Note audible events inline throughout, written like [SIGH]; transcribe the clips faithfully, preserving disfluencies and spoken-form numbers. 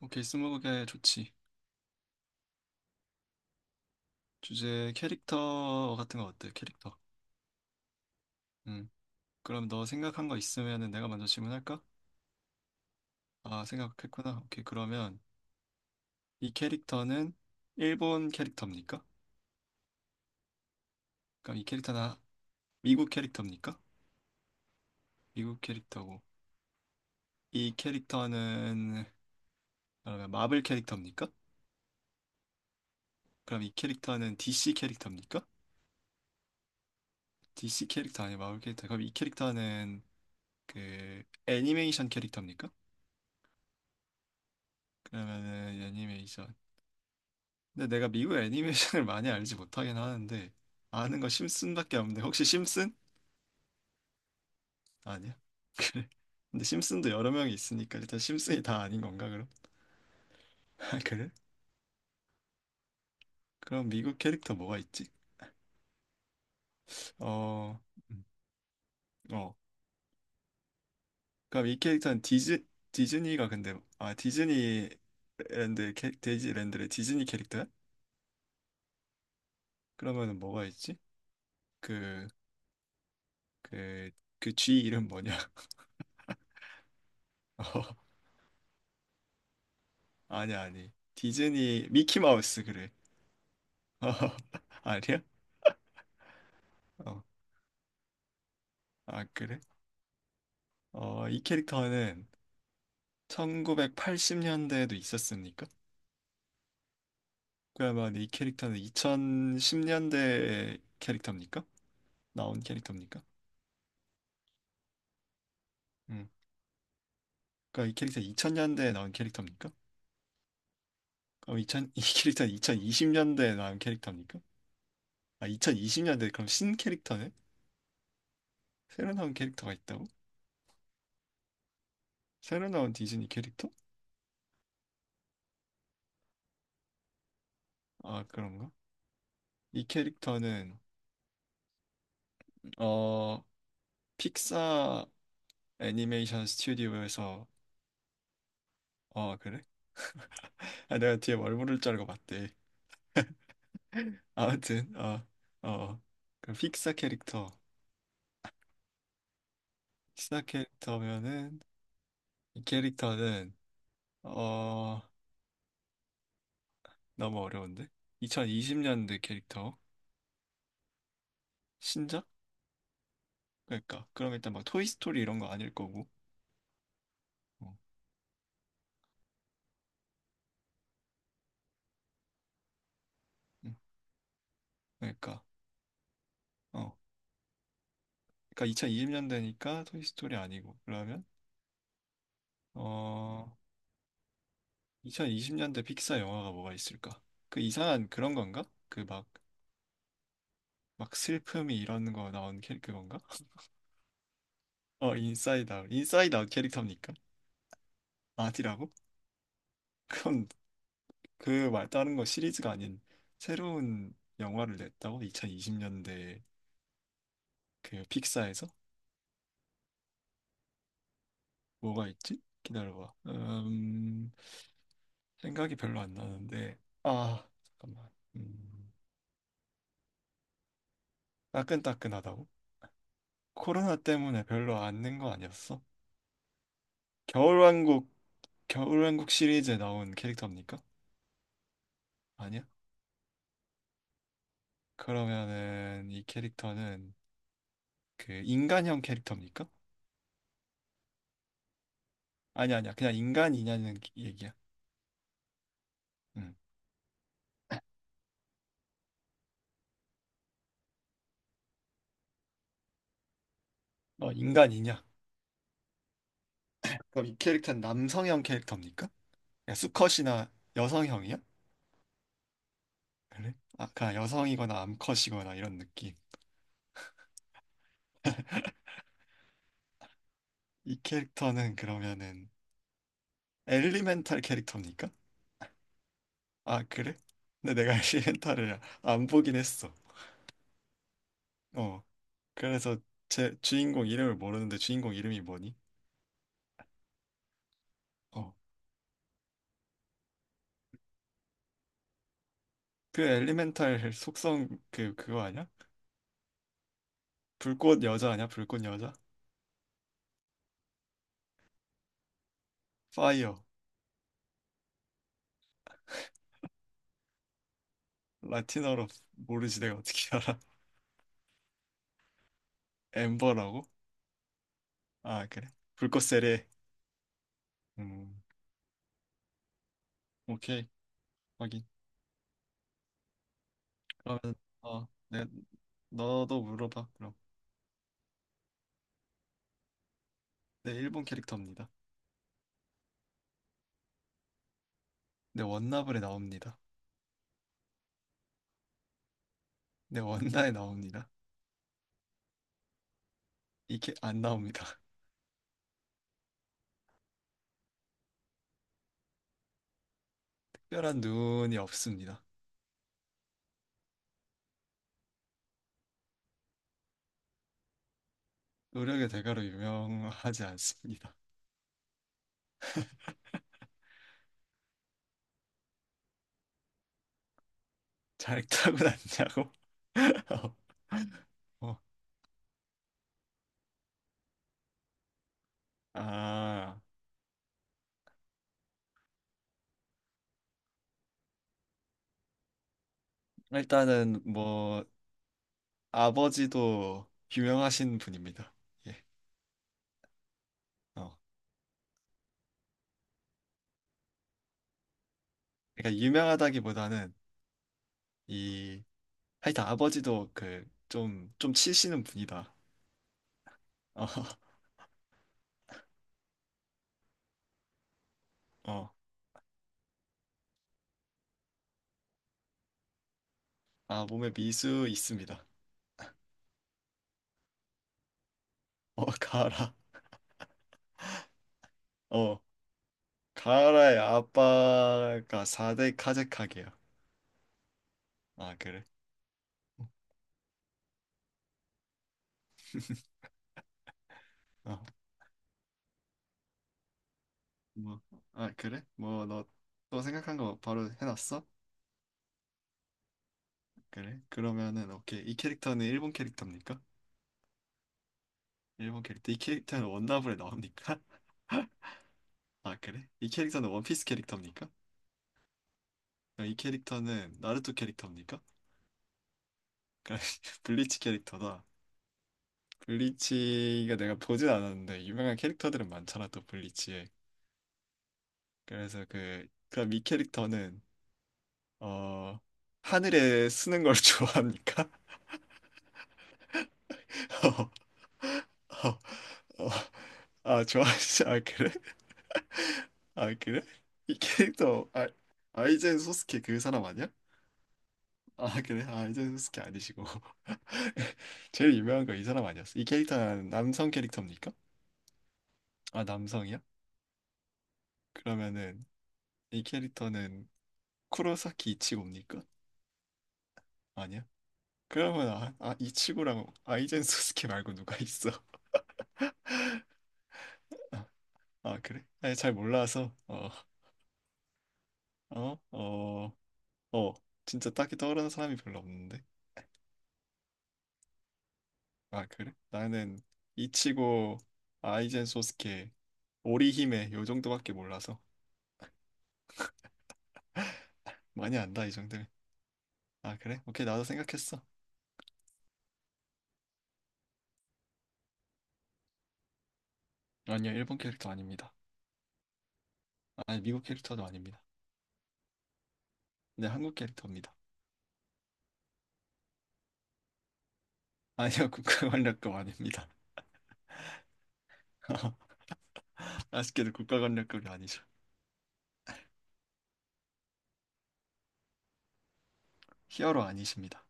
오케이, 스무고개 좋지. 주제 캐릭터 같은 거 어때? 캐릭터. 음. 그럼 너 생각한 거 있으면은 내가 먼저 질문할까? 아, 생각했구나. 오케이, 그러면 이 캐릭터는 일본 캐릭터입니까? 그럼 이 캐릭터는 미국 캐릭터입니까? 미국 캐릭터고. 이 캐릭터는 그러면 마블 캐릭터입니까? 그럼 이 캐릭터는 디씨 캐릭터입니까? 디씨 캐릭터 아니 마블 캐릭터. 그럼 이 캐릭터는 그 애니메이션 캐릭터입니까? 그러면은 애니메이션 근데 내가 미국 애니메이션을 많이 알지 못하긴 하는데 아는 거 심슨밖에 없는데 혹시 심슨? 아니야. 근데 심슨도 여러 명이 있으니까 일단 심슨이 다 아닌 건가 그럼? [LAUGHS] 아, 그래? 그럼 미국 캐릭터 뭐가 있지? 어, 음, 어. 그럼 이 캐릭터는 디즈 디즈니가, 근데 아, 디즈니랜드 캐 디즈랜드의 디즈니 캐릭터야? 그러면은 뭐가 있지? 그 그 그 쥐 이름 뭐냐? [LAUGHS] 어, 아니 아니 디즈니 미키 마우스 그래. [LAUGHS] 어, 아니야? 어. 아, 그래? 어, 이 캐릭터는 천구백팔십 년대에도 있었습니까? 그러면 이 캐릭터는 이천십 년대 캐릭터입니까? 나온 캐릭터입니까? 음. 그러니까 이 캐릭터 이천 년대에 나온 캐릭터입니까? 그럼 이 공 [LAUGHS] 이 캐릭터는 이천이십 년대에 나온 캐릭터입니까? 아, 이천이십 년대 그럼 신 캐릭터네? 새로 나온 캐릭터가 있다고? 새로 나온 디즈니 캐릭터? 아, 그런가? 이 캐릭터는 어, 픽사 애니메이션 스튜디오에서. 어, 그래? 아, 내가 뒤에 뭘 부를 줄 알고 봤대. 아무튼 어, 어, 그 픽사 캐릭터, 픽사 캐릭터면은 이 캐릭터는 어, 너무 어려운데? 이천이십 년대 캐릭터 신작? 그러니까 그럼 일단 막 토이 스토리 이런 거 아닐 거고. 어, 음, 그러니까 어, 그러니까 이천이십 년대니까 토이 스토리 아니고 그러면 어 이천이십 년대 픽사 영화가 뭐가 있을까? 그 이상한 그런 건가? 그 막 막 슬픔이 이런 거 나온 캐릭터 건가? 어, 인사이드 아웃. 인사이드 아웃 캐릭터입니까? 아디라고? [LAUGHS] 그건 그 말 다른 거 시리즈가 아닌 새로운 영화를 냈다고? 이천이십 년대 그 픽사에서? 뭐가 있지? 기다려봐. 음, 생각이 별로 안 나는데. 아, 잠깐만. 음, 따끈따끈하다고? 코로나 때문에 별로 안 낸 거 아니었어? 겨울왕국, 겨울왕국 시리즈에 나온 캐릭터입니까? 아니야? 그러면은 이 캐릭터는 그 인간형 캐릭터입니까? 아니, 아니야. 그냥 인간이냐는 얘기야. 응. 어너 인간이냐? 그럼 이 캐릭터는 남성형 캐릭터입니까? 그냥 수컷이나 여성형이야? 그래? 아, 그냥 여성이거나 암컷이거나 이런 느낌. 이 캐릭터는 그러면은 엘리멘탈 캐릭터입니까? 아, 그래? 근데 내가 [LAUGHS] 엘리멘탈을 안 보긴 했어. 어. 그래서 제 주인공 이름을 모르는데 주인공 이름이 뭐니? 어. 그 엘리멘탈 속성 그 그거 아니야? 불꽃 여자 아니야? 불꽃 여자? 파이어. 라틴어로 모르지, 내가 어떻게 알아? [LAUGHS] 엠버라고? 아, 그래. 불꽃세례. 음. 오케이. 확인. 그러면 어, 네, 너도 물어봐 그럼. 네, 일본 캐릭터입니다. 네, 원나블에 나옵니다. 네, 원나에 나옵니다. 이게 안 나옵니다. [LAUGHS] 특별한 눈이 없습니다. 노력의 대가로 유명하지 않습니다. 잘 타고났냐고? [LAUGHS] 어, 어. 아, 일단은 뭐 아버지도 유명하신 분입니다. 예. 어. 그러니까 유명하다기보다는 이, 하여튼 아버지도 그 좀 좀 치시는 분이다. 어, [LAUGHS] 어, 아, 몸에 미수 있습니다. 어, 가라. 어, 가라의 아빠가 사 대 카제카게야. 아, 그래? 어, 뭐, 아, 그래? 뭐, 너 또 생각한 거 바로 해놨어? 그래? 그러면은 오케이, 이 캐릭터는 일본 캐릭터입니까? 일본 캐릭터. 이 캐릭터는 원나블에 나옵니까? [LAUGHS] 아, 그래? 이 캐릭터는 원피스 캐릭터입니까? 그럼 이 캐릭터는 나루토 캐릭터입니까? [LAUGHS] 블리치 캐릭터다. 블리치가, 내가 보진 않았는데 유명한 캐릭터들은 많잖아 또 블리치에. 그래서 그 그럼 이 캐릭터는 어, 하늘에 쓰는 걸 [LAUGHS] 좋아합니까? [LAUGHS] 어, 어, 어. 아, 좋아하시 아, 그래? 아, 그래? 이 캐릭터 아, 아이젠 소스케 그 사람 아니야? 아, 그래? 아, 아이젠 소스케 아니시고 [LAUGHS] 제일 유명한 거 이 사람 아니었어? 이 캐릭터는 남성 캐릭터입니까? 아, 남성이야? 그러면은 이 캐릭터는 쿠로사키 이치고입니까? 아니야? 그러면 아, 아, 이치고랑 아이젠 소스케 말고 누가 있어? [LAUGHS] 아, 아, 그래? 아니, 잘 몰라서 어어어, 어, 진짜 딱히 떠오르는 사람이 별로 없는데. 아, 그래? 나는 이치고, 아이젠 소스케, 오리히메 요 정도밖에 몰라서. 많이 안다 이 정도면. 아, 그래? 오케이. 나도 생각했어. 아니요, 일본 캐릭터 아닙니다. 아니, 미국 캐릭터도 아닙니다. 네, 한국 캐릭터입니다. 아니요, [LAUGHS] 국가 활력도 아닙니다. [LAUGHS] 아쉽게도 국가관리급이 아니죠. 히어로 아니십니다.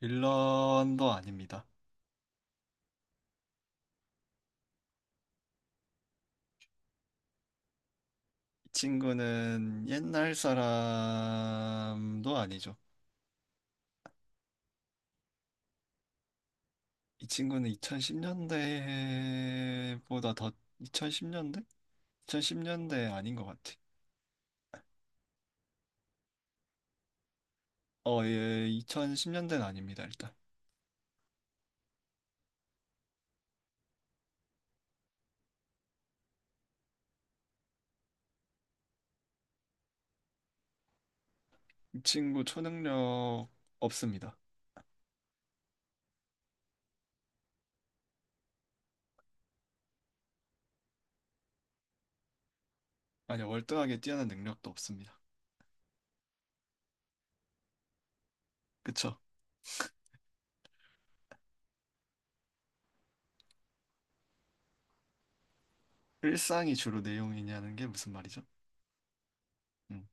빌런도 아닙니다. 이 친구는 옛날 사람도 아니죠. 이 친구는 이천십 년대보다 더. 이천십 년대? 이천십 년대 아닌 것 같아. 어, 예, 이천십 년대는 아닙니다, 일단. 이 친구 초능력 없습니다. 아니, 월등하게 뛰어난 능력도 없습니다. 그쵸? 일상이 주로 내용이냐는 게 무슨 말이죠? 음.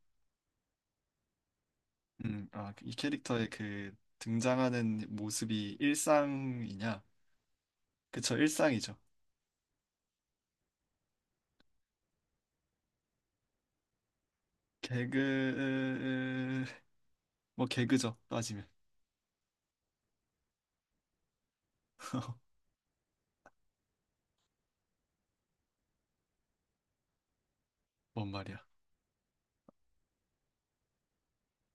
음, 아, 그 이 캐릭터의 그 등장하는 모습이 일상이냐? 그쵸, 일상이죠. 개그, 뭐 개그죠, 따지면. [LAUGHS] 뭔 말이야.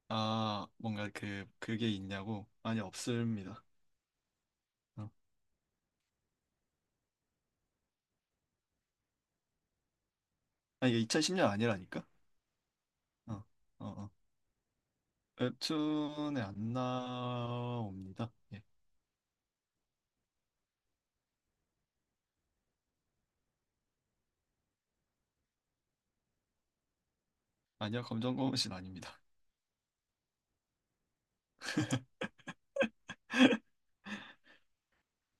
아, 뭔가 그, 그게 있냐고? 아니, 없습니다. 어. 아니, 이게 이천십 년 아니라니까? 어, 어, 어. 웹툰에 안 나옵니다. 예. 아니요, 검정고무신 아닙니다.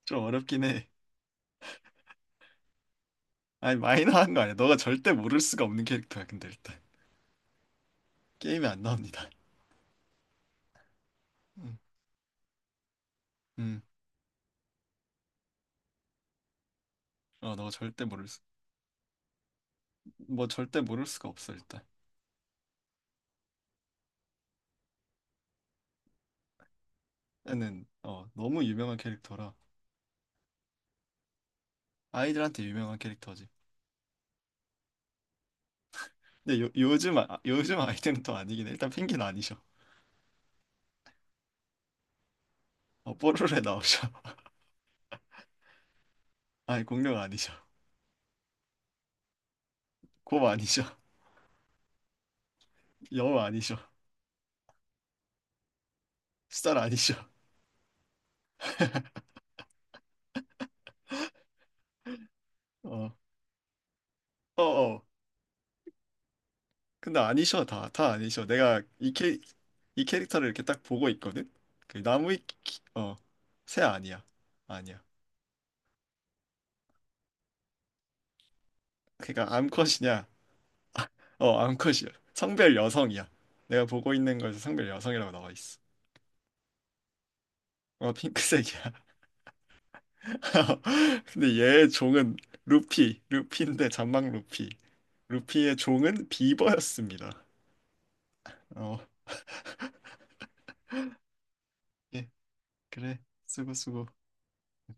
좀 어렵긴 해. 아니, 마이너한 거 아니야. 너가 절대 모를 수가 없는 캐릭터야, 근데 일단. 게임에 안 나옵니다. 음. 음. 어, 너 절대 모를 수, 뭐 절대 모를 수가 없어 일단. 얘는 어, 너무 유명한 캐릭터라 아이들한테 유명한 캐릭터지. 근데 요, 요즘 아, 요즘 아이들은 또 아니긴 해. 일단 펭귄 아니셔. 어, 뽀로로에 나오셔. [LAUGHS] 아니, 공룡 아니셔. 곰 아니셔. 여우 아니셔. 수달 아니셔. 어, 어, 어. 근데 아니셔. 다, 다 아니셔. 내가 이 캐, 이 캐릭터를 이렇게 딱 보고 있거든. 그 나무위키, 어, 새 아니야. 아니야. 그러니까 암컷이냐? 어, 암컷이야. 성별 여성이야. 내가 보고 있는 거에서 성별 여성이라고 나와 있어. 어, 핑크색이야. [LAUGHS] 근데 얘 종은 루피, 루피인데 잔망 루피. 루피의 종은 비버였습니다. 어, 예, 그래. 수고, 수고. 오케이.